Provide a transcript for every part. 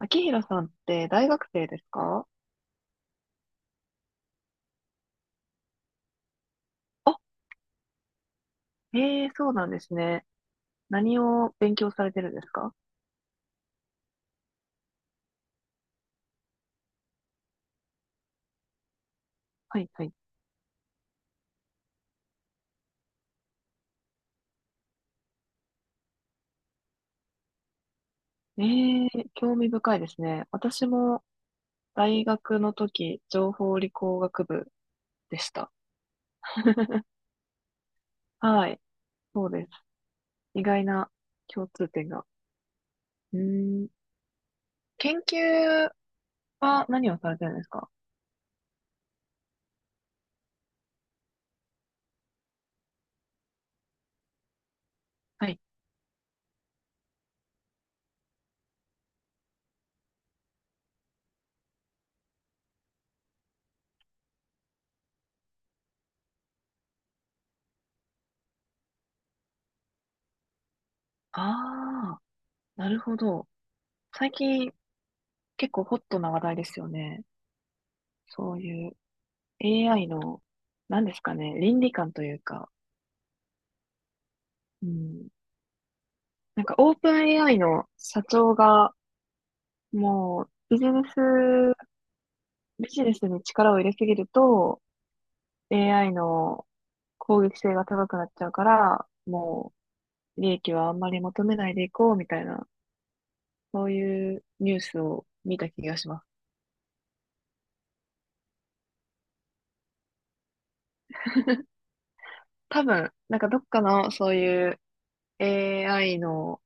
秋広さんって大学生ですか？あ、ええ、そうなんですね。何を勉強されてるんですか？はいはい。ええ、興味深いですね。私も大学の時、情報理工学部でした。はい、そうです。意外な共通点が。うーん、研究は何をされてるんですか？はい。ああ、なるほど。最近結構ホットな話題ですよね。そういう AI の何ですかね、倫理観というか、うん。なんかオープン AI の社長がもうビジネス、ビジネスに力を入れすぎると AI の攻撃性が高くなっちゃうから、もう利益はあんまり求めないでいこうみたいな、そういうニュースを見た気がします。多分、なんかどっかのそういう AI の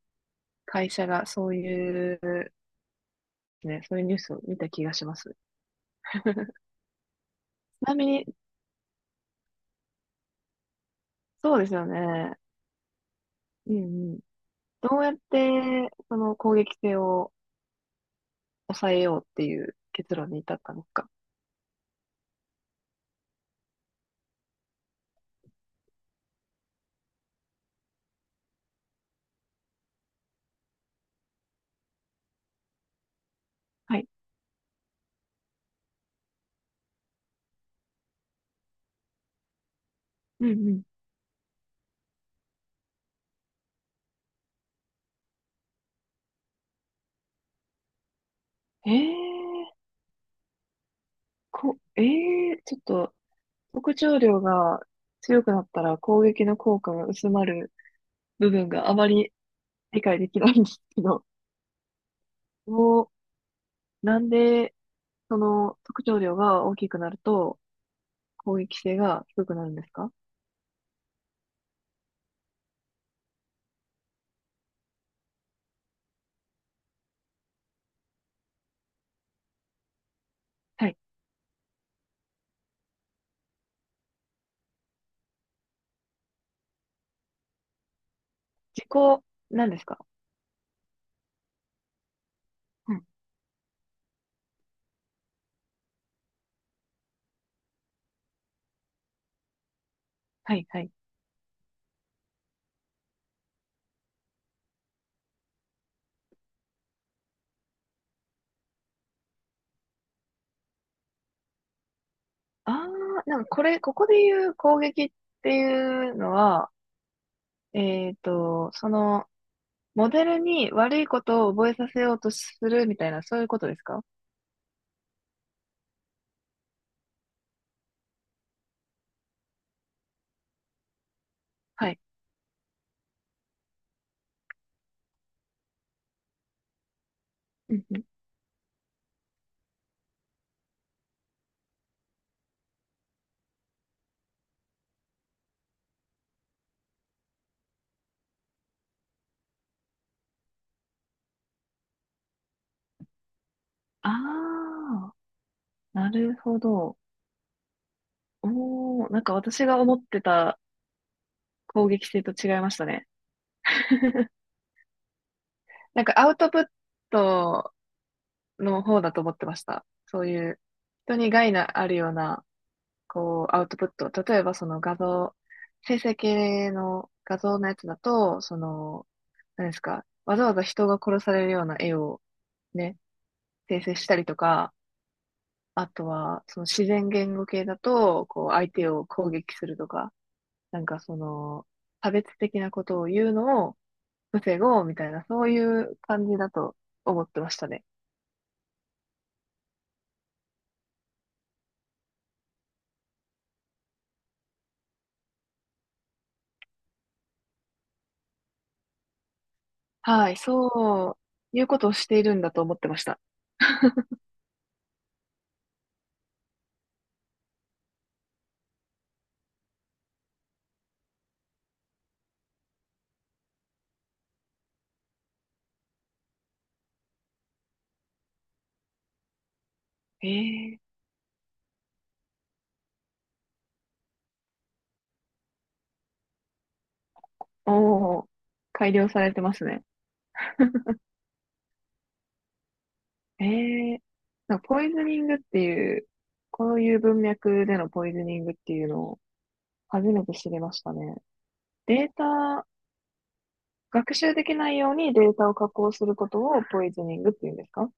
会社がそういう、ね、そういうニュースを見た気がします。ちなみに、そうですよね。うんどうやって、その攻撃性を抑えようっていう結論に至ったのか。はい。うんうん。えー、こ、えー、ちょっと、特徴量が強くなったら攻撃の効果が薄まる部分があまり理解できないんですけど、もう、なんで、その特徴量が大きくなると攻撃性が低くなるんですか？はい。自己、なんですか？うん。はい、はい。ああ、なんかこれ、ここで言う攻撃っていうのは、その、モデルに悪いことを覚えさせようとするみたいな、そういうことですか？はい。うんうん。ああ、なるほど。おー、なんか私が思ってた攻撃性と違いましたね。なんかアウトプットの方だと思ってました。そういう人に害のあるような、こう、アウトプット。例えばその画像、生成系の画像のやつだと、その、何ですか、わざわざ人が殺されるような絵をね、生成したりとか、あとは、その自然言語系だと、こう、相手を攻撃するとか、なんかその、差別的なことを言うのを防ごうみたいな、そういう感じだと思ってましたね。はい、そう、いうことをしているんだと思ってました。ええ、おお、改良されてますね。ええ、なんかポイズニングっていう、こういう文脈でのポイズニングっていうのを初めて知りましたね。データ学習できないようにデータを加工することをポイズニングって言うんですか？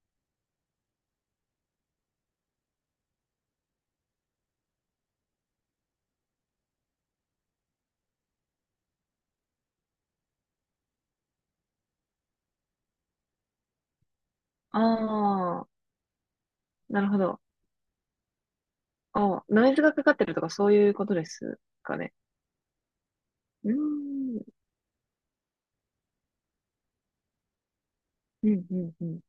ああー、なるほど。ああ、ノイズがかかってるとかそういうことですかね。うーん、うん、うん、うん。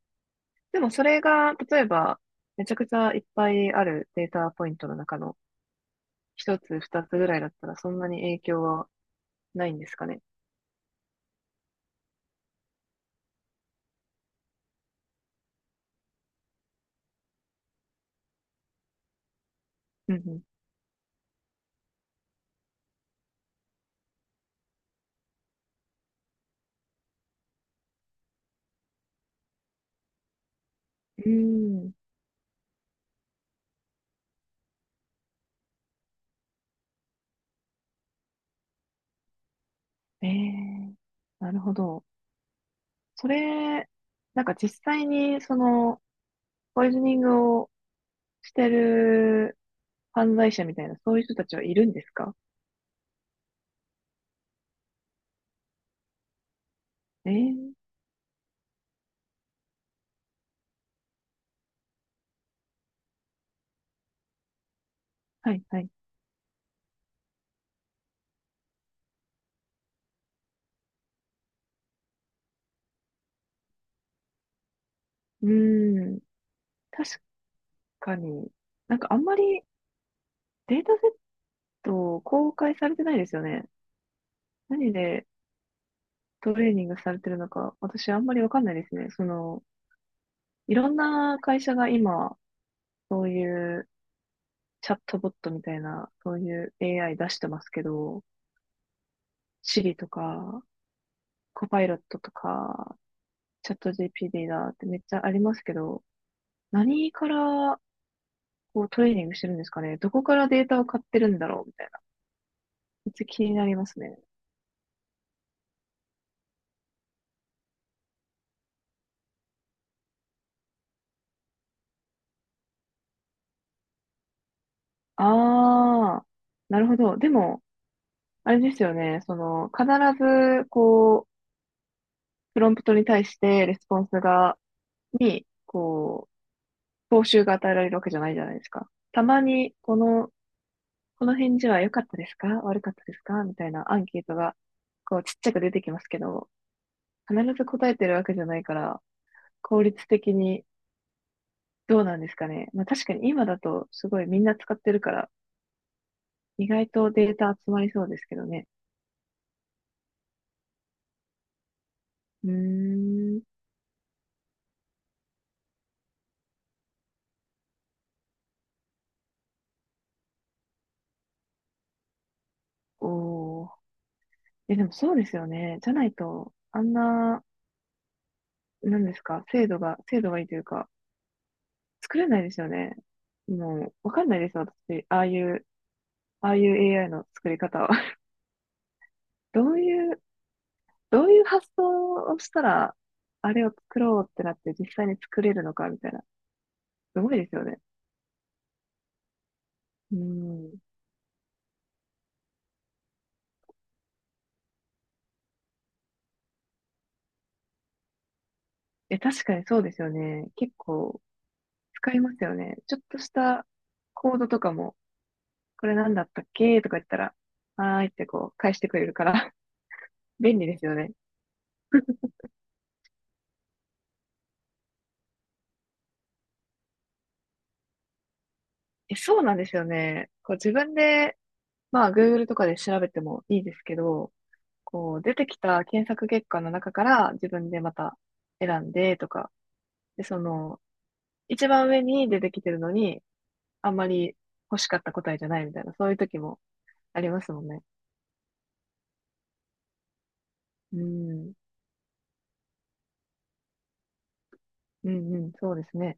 でもそれが、例えば、めちゃくちゃいっぱいあるデータポイントの中の一つ、二つぐらいだったらそんなに影響はないんですかね。うん、うん。うーん。ええ、なるほど。それ、なんか実際にその、ポイズニングをしてる犯罪者みたいな、そういう人たちはいるんですか？えー、はい、はい。うーん、確かに、なんかあんまりデータセット公開されてないですよね。何でトレーニングされてるのか、私あんまりわかんないですね。その、いろんな会社が今、そういうチャットボットみたいな、そういう AI 出してますけど、Siri とか、コパイロットとか、チャット GPT だってめっちゃありますけど、何からこうトレーニングしてるんですかね。どこからデータを買ってるんだろうみたいな。めっちゃ気になりますね。ああ、なるほど。でも、あれですよね。その、必ず、こう、プロンプトに対してレスポンスが、に、こう、報酬が与えられるわけじゃないじゃないですか。たまに、この、この返事は良かったですか悪かったですかみたいなアンケートが、こう、ちっちゃく出てきますけど、必ず答えてるわけじゃないから、効率的にどうなんですかね。まあ確かに今だとすごいみんな使ってるから、意外とデータ集まりそうですけどね。うーん。おー。え、でもそうですよね。じゃないと、あんな、なんですか、精度がいいというか、作れないですよね。もう、わかんないですよ、私。ああいう AI の作り方は。どういう、どういう発想をしたら、あれを作ろうってなって実際に作れるのか、みたいな。すごいですよね。うん。え、確かにそうですよね。結構使いますよね。ちょっとしたコードとかもこれなんだったっけとか言ったら、はーいってこう返してくれるから 便利ですよね。え、そうなんですよね。こう自分で、まあ Google とかで調べてもいいですけど、こう出てきた検索結果の中から自分でまた選んでとか、で、その、一番上に出てきてるのに、あんまり欲しかった答えじゃないみたいな、そういう時もありますもんね。うん、うん、うん、そうですね。